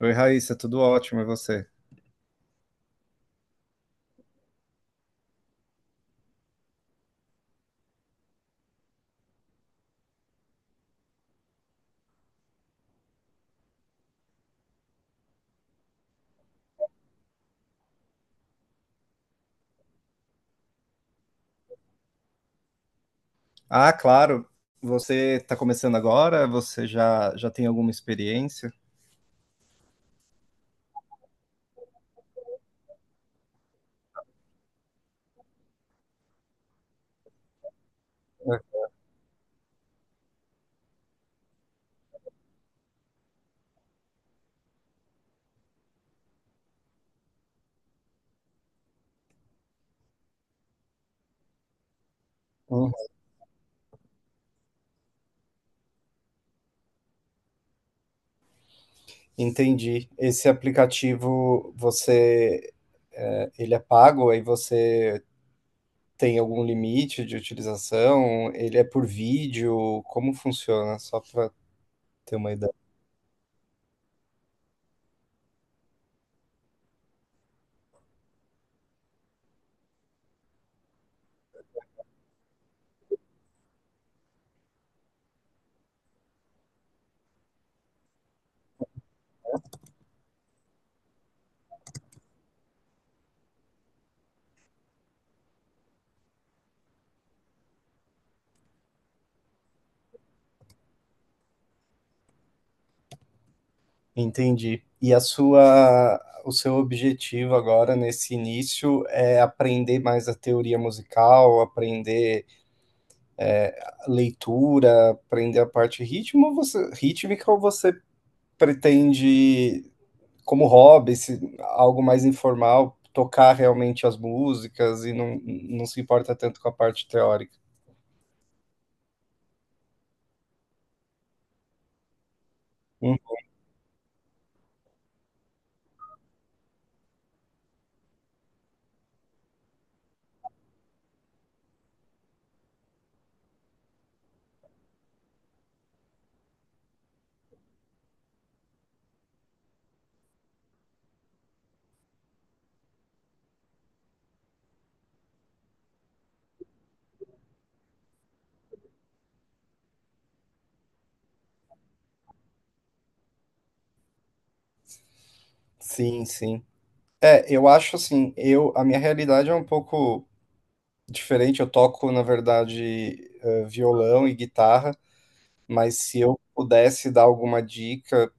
Oi, Raíssa, tudo ótimo, e você? Ah, claro, você está começando agora, você já tem alguma experiência? Uhum, entendi. Esse aplicativo, ele é pago. Aí você Tem algum limite de utilização? Ele é por vídeo? Como funciona? Só para ter uma ideia. Entendi. E o seu objetivo agora nesse início é aprender mais a teoria musical, aprender leitura, aprender a parte ritmo, rítmica, ou você pretende, como hobby, algo mais informal, tocar realmente as músicas e não se importa tanto com a parte teórica? Hum. Sim, sim. É, eu acho assim, a minha realidade é um pouco diferente. Eu toco, na verdade, violão e guitarra, mas se eu pudesse dar alguma dica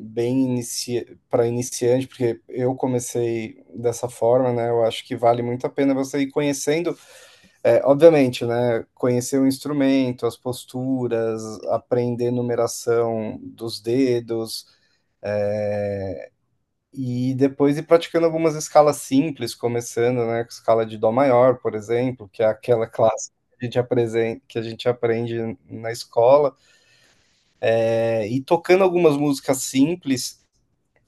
bem inici... para iniciante, porque eu comecei dessa forma, né? Eu acho que vale muito a pena você ir conhecendo, obviamente, né? Conhecer o instrumento, as posturas, aprender numeração dos dedos. E depois ir praticando algumas escalas simples, começando, né, com escala de dó maior, por exemplo, que é aquela clássica que a gente aprende na escola. É, e tocando algumas músicas simples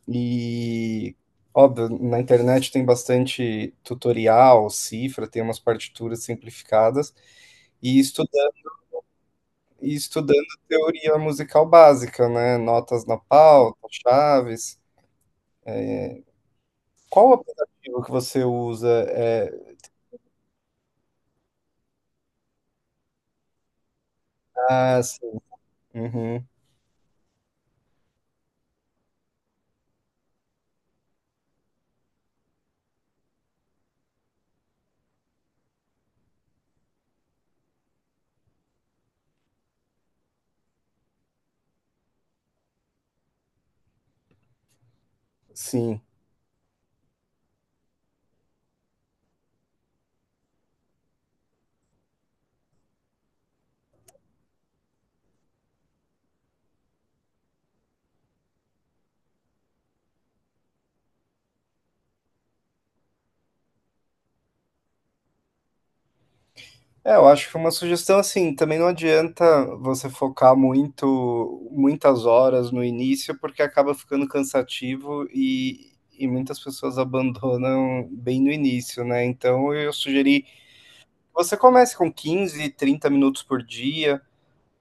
e, óbvio, na internet tem bastante tutorial, cifra, tem umas partituras simplificadas e estudando, e estudando teoria musical básica, né, notas na pauta, chaves. Qual o aplicativo que você usa? Ah, sim. Uhum. Sim. É, eu acho que uma sugestão assim, também não adianta você focar muito, muitas horas no início, porque acaba ficando cansativo e muitas pessoas abandonam bem no início, né? Então eu sugeri que você comece com 15, 30 minutos por dia,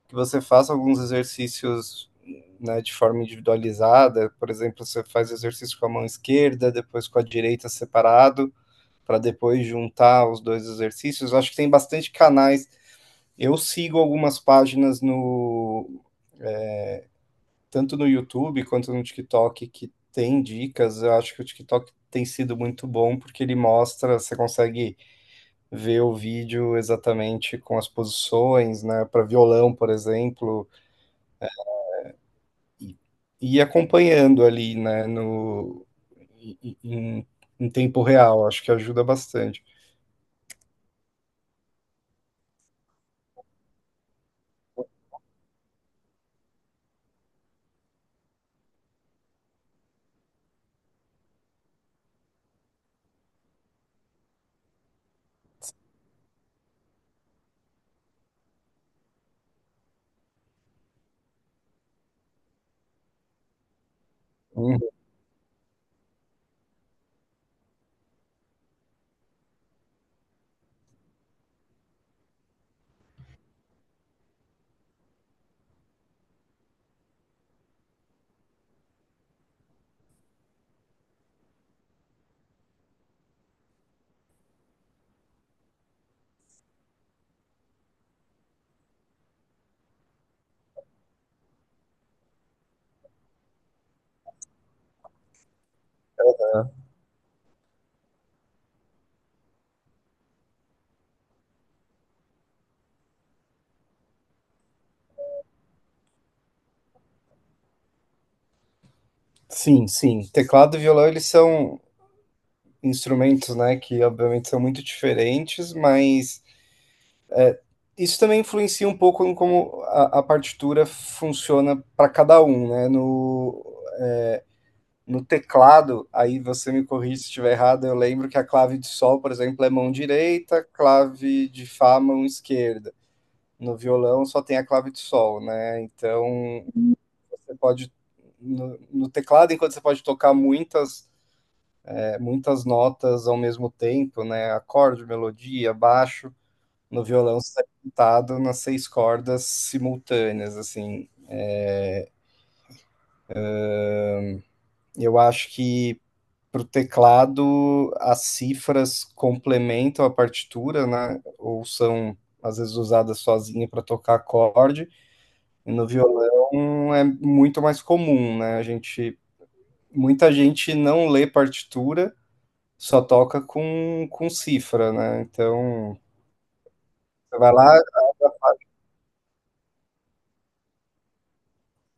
que você faça alguns exercícios, né, de forma individualizada. Por exemplo, você faz exercício com a mão esquerda, depois com a direita separado, para depois juntar os dois exercícios. Eu acho que tem bastante canais. Eu sigo algumas páginas tanto no YouTube quanto no TikTok que tem dicas. Eu acho que o TikTok tem sido muito bom porque ele mostra, você consegue ver o vídeo exatamente com as posições, né, para violão, por exemplo, e, e acompanhando ali, né, no em, em- em tempo real. Acho que ajuda bastante. Uhum. Sim, sim. Teclado e violão, eles são instrumentos, né, que obviamente são muito diferentes, mas isso também influencia um pouco em como a partitura funciona para cada um, né? No, no teclado, aí você me corrige se estiver errado, eu lembro que a clave de sol, por exemplo, é mão direita, clave de fá, mão esquerda. No violão só tem a clave de sol, né? Então, você pode, no teclado, enquanto você pode tocar muitas notas ao mesmo tempo, né? Acorde, melodia, baixo, no violão sai pintado nas seis cordas simultâneas, assim. Eu acho que para o teclado as cifras complementam a partitura, né? Ou são às vezes usadas sozinha para tocar acorde, e no violão é muito mais comum, né? Muita gente não lê partitura, só toca com, cifra, né? Então, você vai lá.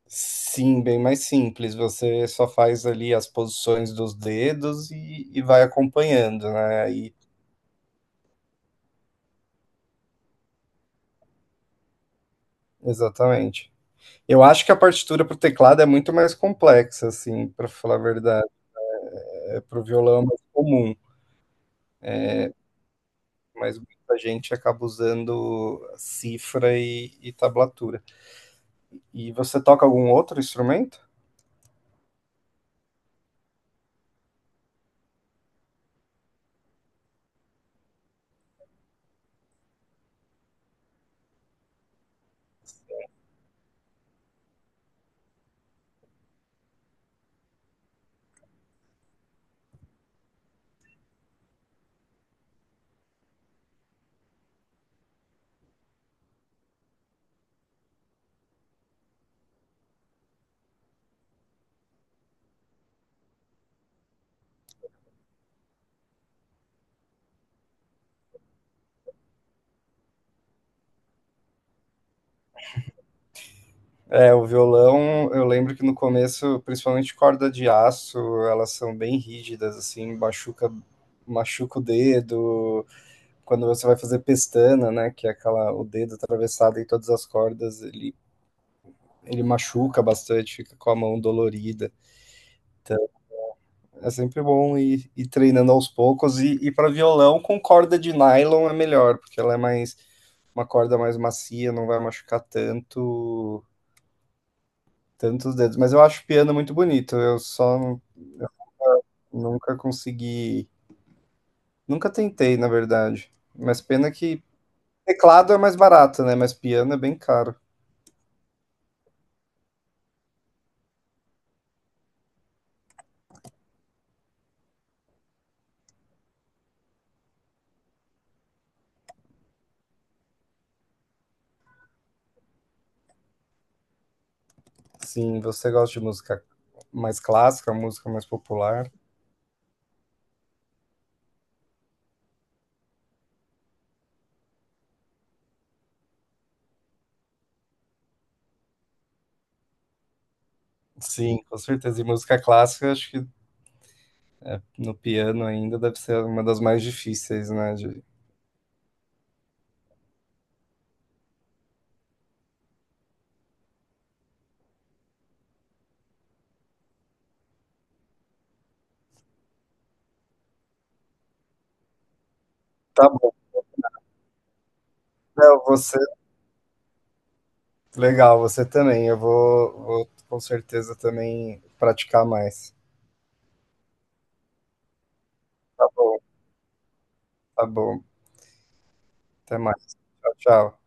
Sim, bem mais simples. Você só faz ali as posições dos dedos e vai acompanhando, né? Aí, exatamente. Eu acho que a partitura para o teclado é muito mais complexa, assim, para falar a verdade. É, para o violão é mais comum, mas muita gente acaba usando cifra e tablatura. E você toca algum outro instrumento? É, o violão, eu lembro que no começo, principalmente corda de aço, elas são bem rígidas, assim, machuca o dedo. Quando você vai fazer pestana, né, que é aquela, o dedo atravessado em todas as cordas, ele machuca bastante, fica com a mão dolorida. É sempre bom ir treinando aos poucos. E para violão, com corda de nylon é melhor, porque ela é mais, uma corda mais macia, não vai machucar tanto tantos dedos, mas eu acho o piano muito bonito. Eu nunca consegui, nunca tentei, na verdade. Mas pena que teclado é mais barato, né? Mas piano é bem caro. Sim, você gosta de música mais clássica, música mais popular? Sim, com certeza. E música clássica, acho que no piano ainda deve ser uma das mais difíceis, né? Tá bom. Léo, você, legal, você também. Eu vou com certeza também praticar mais. Tá bom, tá bom. Até mais. Tchau, tchau.